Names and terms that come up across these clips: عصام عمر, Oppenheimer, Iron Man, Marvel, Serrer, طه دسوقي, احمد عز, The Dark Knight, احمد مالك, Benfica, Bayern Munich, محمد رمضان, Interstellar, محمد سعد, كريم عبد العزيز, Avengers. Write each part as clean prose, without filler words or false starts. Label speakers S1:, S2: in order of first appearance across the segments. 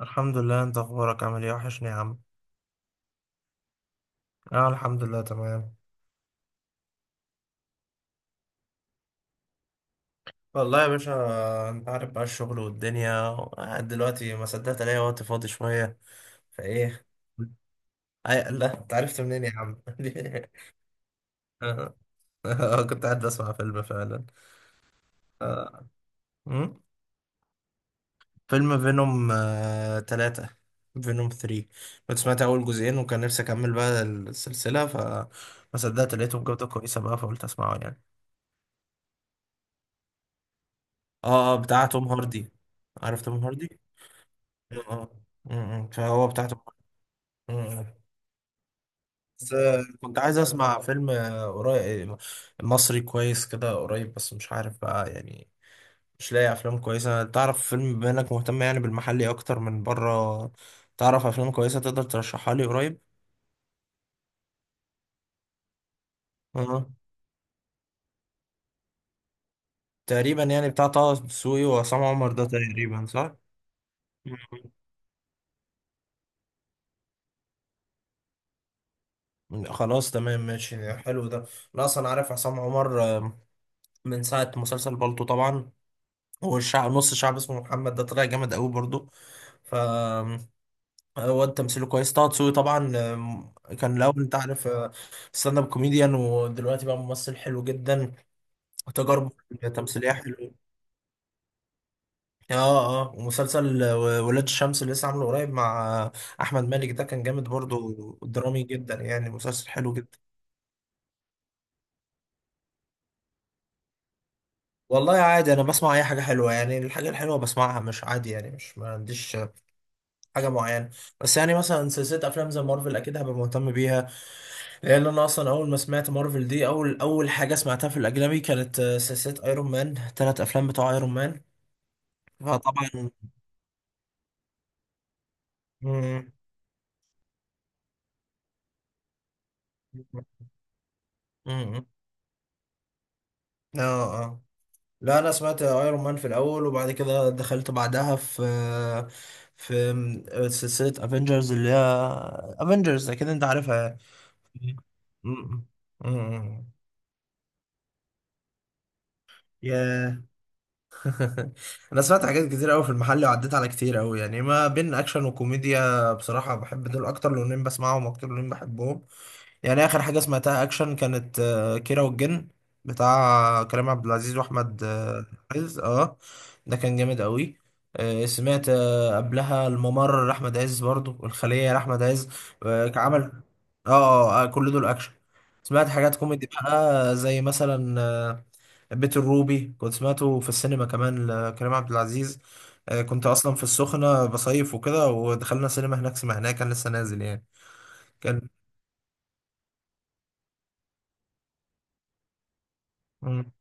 S1: الحمد لله. انت اخبارك عامل ايه؟ وحشني يا عم. اه، الحمد لله تمام. والله يا باشا، انت عارف بقى الشغل والدنيا قاعد دلوقتي. ما صدقت الاقي وقت فاضي شوية. فايه؟ اي لا، انت عرفت منين يا عم؟ اه، اه، كنت قاعد اسمع فيلم فعلا. اه، مم؟ فيلم فينوم تلاتة. فينوم 3. كنت سمعت اول جزئين وكان نفسي اكمل بقى السلسلة، فما صدقت لقيتهم جودة كويسة بقى فقلت اسمعه يعني. اه، اه، بتاع توم هاردي. عارف توم هاردي؟ آه. آه. فهو بتاعته. آه. بس كنت عايز اسمع فيلم قريب، مصري كويس كده، قريب، بس مش عارف بقى يعني. مش لاقي افلام كويسه. تعرف فيلم، بما انك مهتم يعني بالمحلي اكتر من بره، تعرف افلام كويسه تقدر ترشحها لي قريب؟ اه، تقريبا يعني بتاع طه دسوقي وعصام عمر، ده تقريبا صح. مم. خلاص تمام ماشي، حلو ده. انا اصلا عارف عصام عمر من ساعه مسلسل بالطو طبعا. هو الشعب، نص الشعب اسمه محمد، ده طلع جامد قوي برضو. ف هو تمثيله كويس. طه دسوقي طبعا، كان الاول انت عارف ستاند اب كوميديان، ودلوقتي بقى ممثل حلو جدا. وتجاربه تمثيليه حلوه. اه، اه. ومسلسل ولاد الشمس اللي لسه عامله قريب مع احمد مالك، ده كان جامد برضو. درامي جدا يعني، مسلسل حلو جدا. والله عادي، انا بسمع اي حاجه حلوه يعني. الحاجه الحلوه بسمعها، مش عادي يعني. مش ما عنديش حاجه معينه. بس يعني مثلا سلسله افلام زي مارفل اكيد هبقى مهتم بيها. لان انا اصلا اول ما سمعت مارفل دي، اول اول حاجه سمعتها في الاجنبي كانت سلسله ايرون مان، ثلاث افلام بتوع ايرون مان. فطبعا مم. مم. اه، اه. لا، انا سمعت ايرون مان في الاول وبعد كده دخلت بعدها في في سلسله افنجرز اللي هي افنجرز، اكيد انت عارفها يعني. مم. مم. يا انا سمعت حاجات كتير قوي في المحل، وعديت على كتير قوي يعني، ما بين اكشن وكوميديا. بصراحه بحب دول اكتر لونين، بسمعهم اكتر، لونين بحبهم يعني. اخر حاجه سمعتها اكشن كانت كيرة والجن، بتاع كريم عبد العزيز واحمد عز. اه، ده كان جامد قوي. سمعت قبلها الممر لاحمد عز برضو، والخليه لاحمد عز. كان عمل كل دول اكشن. سمعت حاجات كوميدي بقى، زي مثلا بيت الروبي، كنت سمعته في السينما كمان لكريم عبد العزيز. كنت اصلا في السخنه بصيف وكده، ودخلنا سينما هناك سمعناه، كان لسه نازل يعني، كان. مم.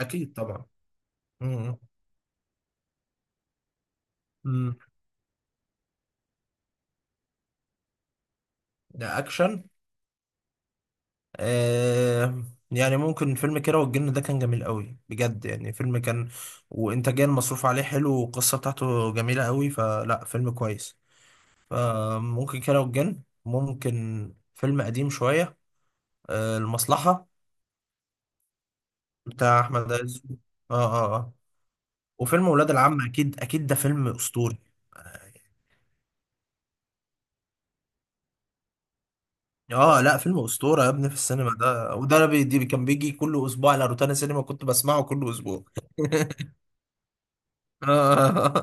S1: اكيد طبعا. مم. مم. ده اكشن. آه يعني ممكن فيلم كيرة والجن، ده كان جميل قوي بجد يعني. فيلم كان وانتاجيا مصروف عليه حلو، والقصه بتاعته جميله قوي، فلا فيلم كويس. فممكن كيرة والجن. ممكن فيلم قديم شويه، المصلحة بتاع احمد عز. اه، اه، اه. وفيلم ولاد العم، اكيد اكيد، ده فيلم اسطوري. اه، لا فيلم اسطوره يا ابني. في السينما ده، وده أنا بي دي كان بيجي كل اسبوع على روتانا سينما، كنت بسمعه كل اسبوع. اه.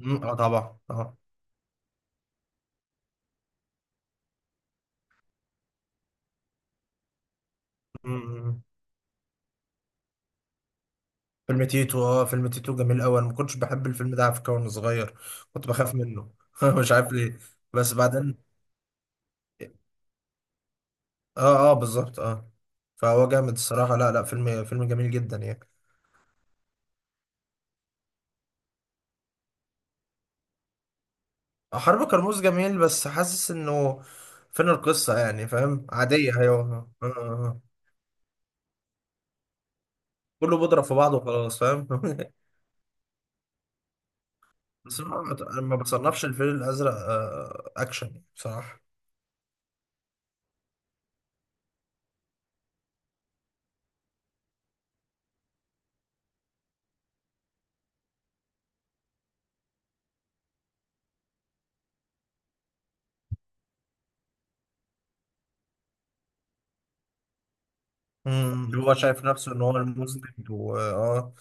S1: أمم، طبعا اه. أمم. فيلم تيتو، اه فيلم تيتو جميل قوي. انا ما كنتش بحب الفيلم ده على فكره وانا صغير. كنت بخاف منه. مش عارف ليه. بس بعدين، اه اه بالظبط اه. فهو جامد الصراحه. لا، لا، فيلم جميل جدا يعني. حرب كرموز جميل، بس حاسس انه فين القصة يعني، فاهم، عادية. ايوه، آه. آه. كله بيضرب في بعضه وخلاص، فاهم. بس أنا ما بصنفش الفيل الأزرق أكشن بصراحة. مم، هو شايف نفسه إن هو المذنب و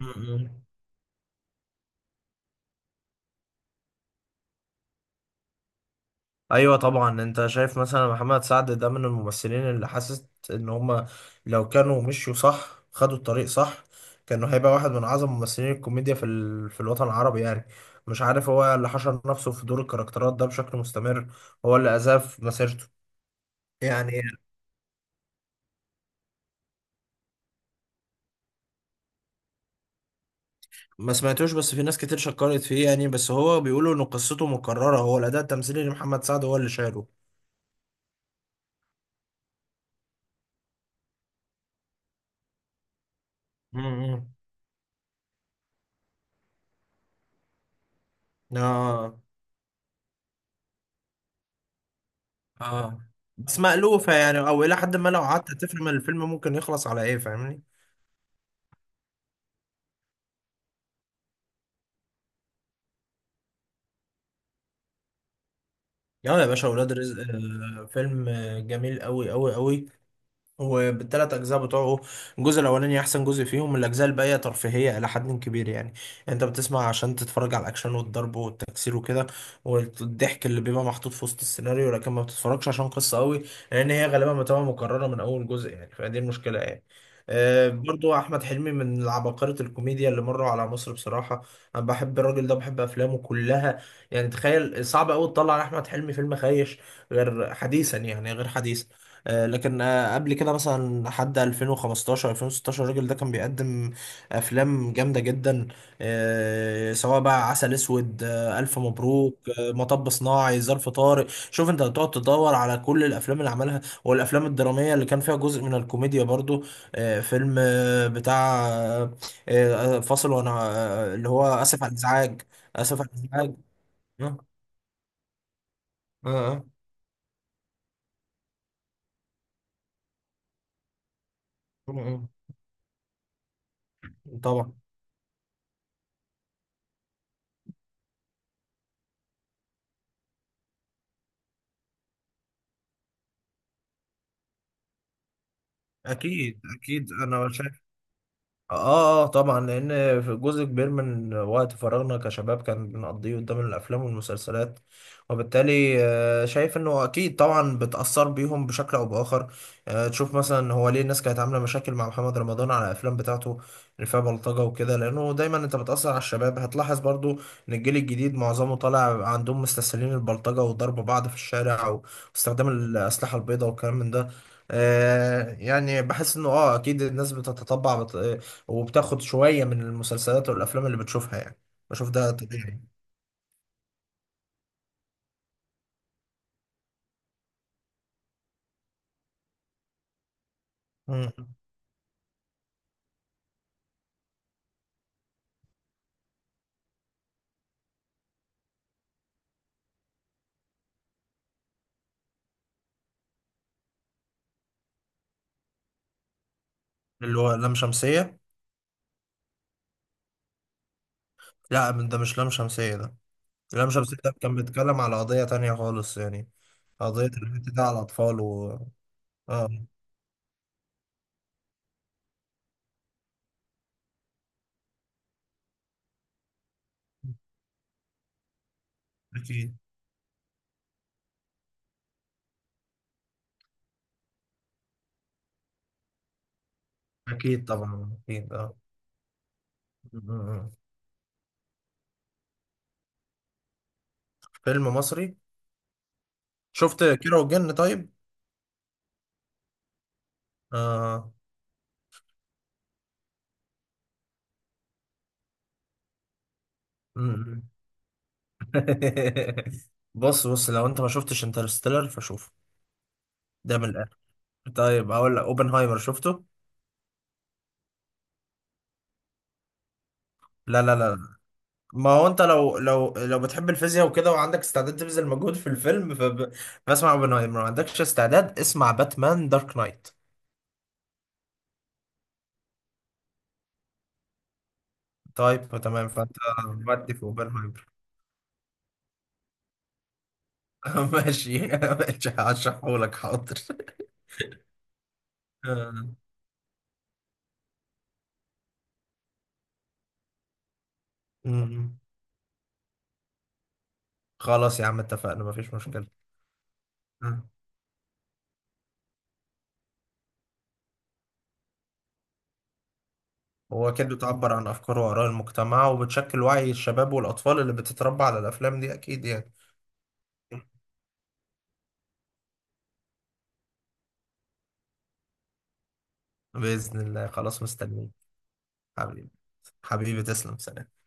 S1: مم، ايوه طبعا. انت شايف مثلا محمد سعد ده من الممثلين، اللي حاسس ان هم لو كانوا مشوا صح، خدوا الطريق صح، كانوا هيبقى واحد من اعظم ممثلين الكوميديا في الوطن العربي يعني. مش عارف هو اللي حشر نفسه في دور الكاركترات ده بشكل مستمر، هو اللي أذاه في مسيرته. يعني ما سمعتوش، بس في ناس كتير شكرت فيه يعني. بس هو بيقولوا ان قصته مكررة، هو الاداء التمثيلي لمحمد سعد هو اللي شايله. امم اه، بس مألوفة يعني، او الى حد ما لو قعدت تفهم الفيلم ممكن يخلص على ايه، فاهمني. يلا يا باشا، اولاد رزق، فيلم جميل قوي قوي قوي. هو بالتلات أجزاء بتوعه، الجزء الأولاني أحسن جزء فيهم. الأجزاء الباقية ترفيهية إلى حد كبير يعني. يعني أنت بتسمع عشان تتفرج على الأكشن والضرب والتكسير وكده، والضحك اللي بيبقى محطوط في وسط السيناريو، لكن ما بتتفرجش عشان قصة قوي، لأن هي غالبا بتبقى مكررة من أول جزء يعني، فدي المشكلة يعني. برضو أحمد حلمي من العباقرة الكوميديا اللي مروا على مصر بصراحة. أنا بحب الراجل ده، بحب أفلامه كلها. يعني تخيل، صعب أوي تطلع على أحمد حلمي فيلم خايش، غير حديثا يعني، غير حديث. لكن قبل كده مثلا لحد 2015 2016 الراجل ده كان بيقدم افلام جامده جدا. سواء بقى عسل اسود، الف مبروك، مطب صناعي، ظرف طارق. شوف انت بتقعد تدور على كل الافلام اللي عملها، والافلام الدراميه اللي كان فيها جزء من الكوميديا برضو. آه، فيلم آه، بتاع آه، آه، فاصل وانا، اللي هو اسف على الازعاج. اسف على الازعاج. آه، آه، آه، آه، آه. طبعا. اكيد اكيد انا شايف. اه، اه طبعا. لان في جزء كبير من وقت فراغنا كشباب كان بنقضيه قدام الافلام والمسلسلات، وبالتالي شايف انه اكيد طبعا بتاثر بيهم بشكل او باخر. تشوف مثلا هو ليه الناس كانت عامله مشاكل مع محمد رمضان على الافلام بتاعته اللي فيها بلطجه وكده، لانه دايما انت بتاثر على الشباب. هتلاحظ برضو ان الجيل الجديد معظمه طالع عندهم مستسهلين البلطجه، وضرب بعض في الشارع، واستخدام الاسلحه البيضاء والكلام من ده. يعني بحس انه اكيد الناس بتتطبع، وبتاخد شوية من المسلسلات والأفلام اللي بتشوفها يعني. بشوف ده طبيعي. مم. اللي هو لام شمسية. لا، من ده مش لام شمسية ده. لام شمسية ده كان بيتكلم على قضية تانية خالص يعني. قضية البيت ده على الأطفال و... اه، أكيد أكيد طبعا أكيد اه. مم. مم. فيلم مصري. شفت كيرة والجن طيب؟ اه. مم. بص، بص، لو انت ما شفتش انترستيلر فشوفه. ده من الآخر. طيب، هقول لك اوبنهايمر شفته؟ لا، لا، لا، ما هو انت لو بتحب الفيزياء وكده وعندك استعداد تبذل مجهود في الفيلم فاسمع اوبنهايمر. ما عندكش استعداد، اسمع باتمان دارك نايت. طيب تمام، فانت ودي في اوبنهايمر. ماشي ماشي، هشرحهولك حاضر. امم. خلاص يا عم، اتفقنا مفيش مشكلة. امم. هو كده بتعبر عن أفكار وآراء المجتمع، وبتشكل وعي الشباب والأطفال اللي بتتربى على الأفلام دي أكيد يعني. بإذن الله، خلاص مستنيين. حبيبي، حبيبي تسلم. سلام.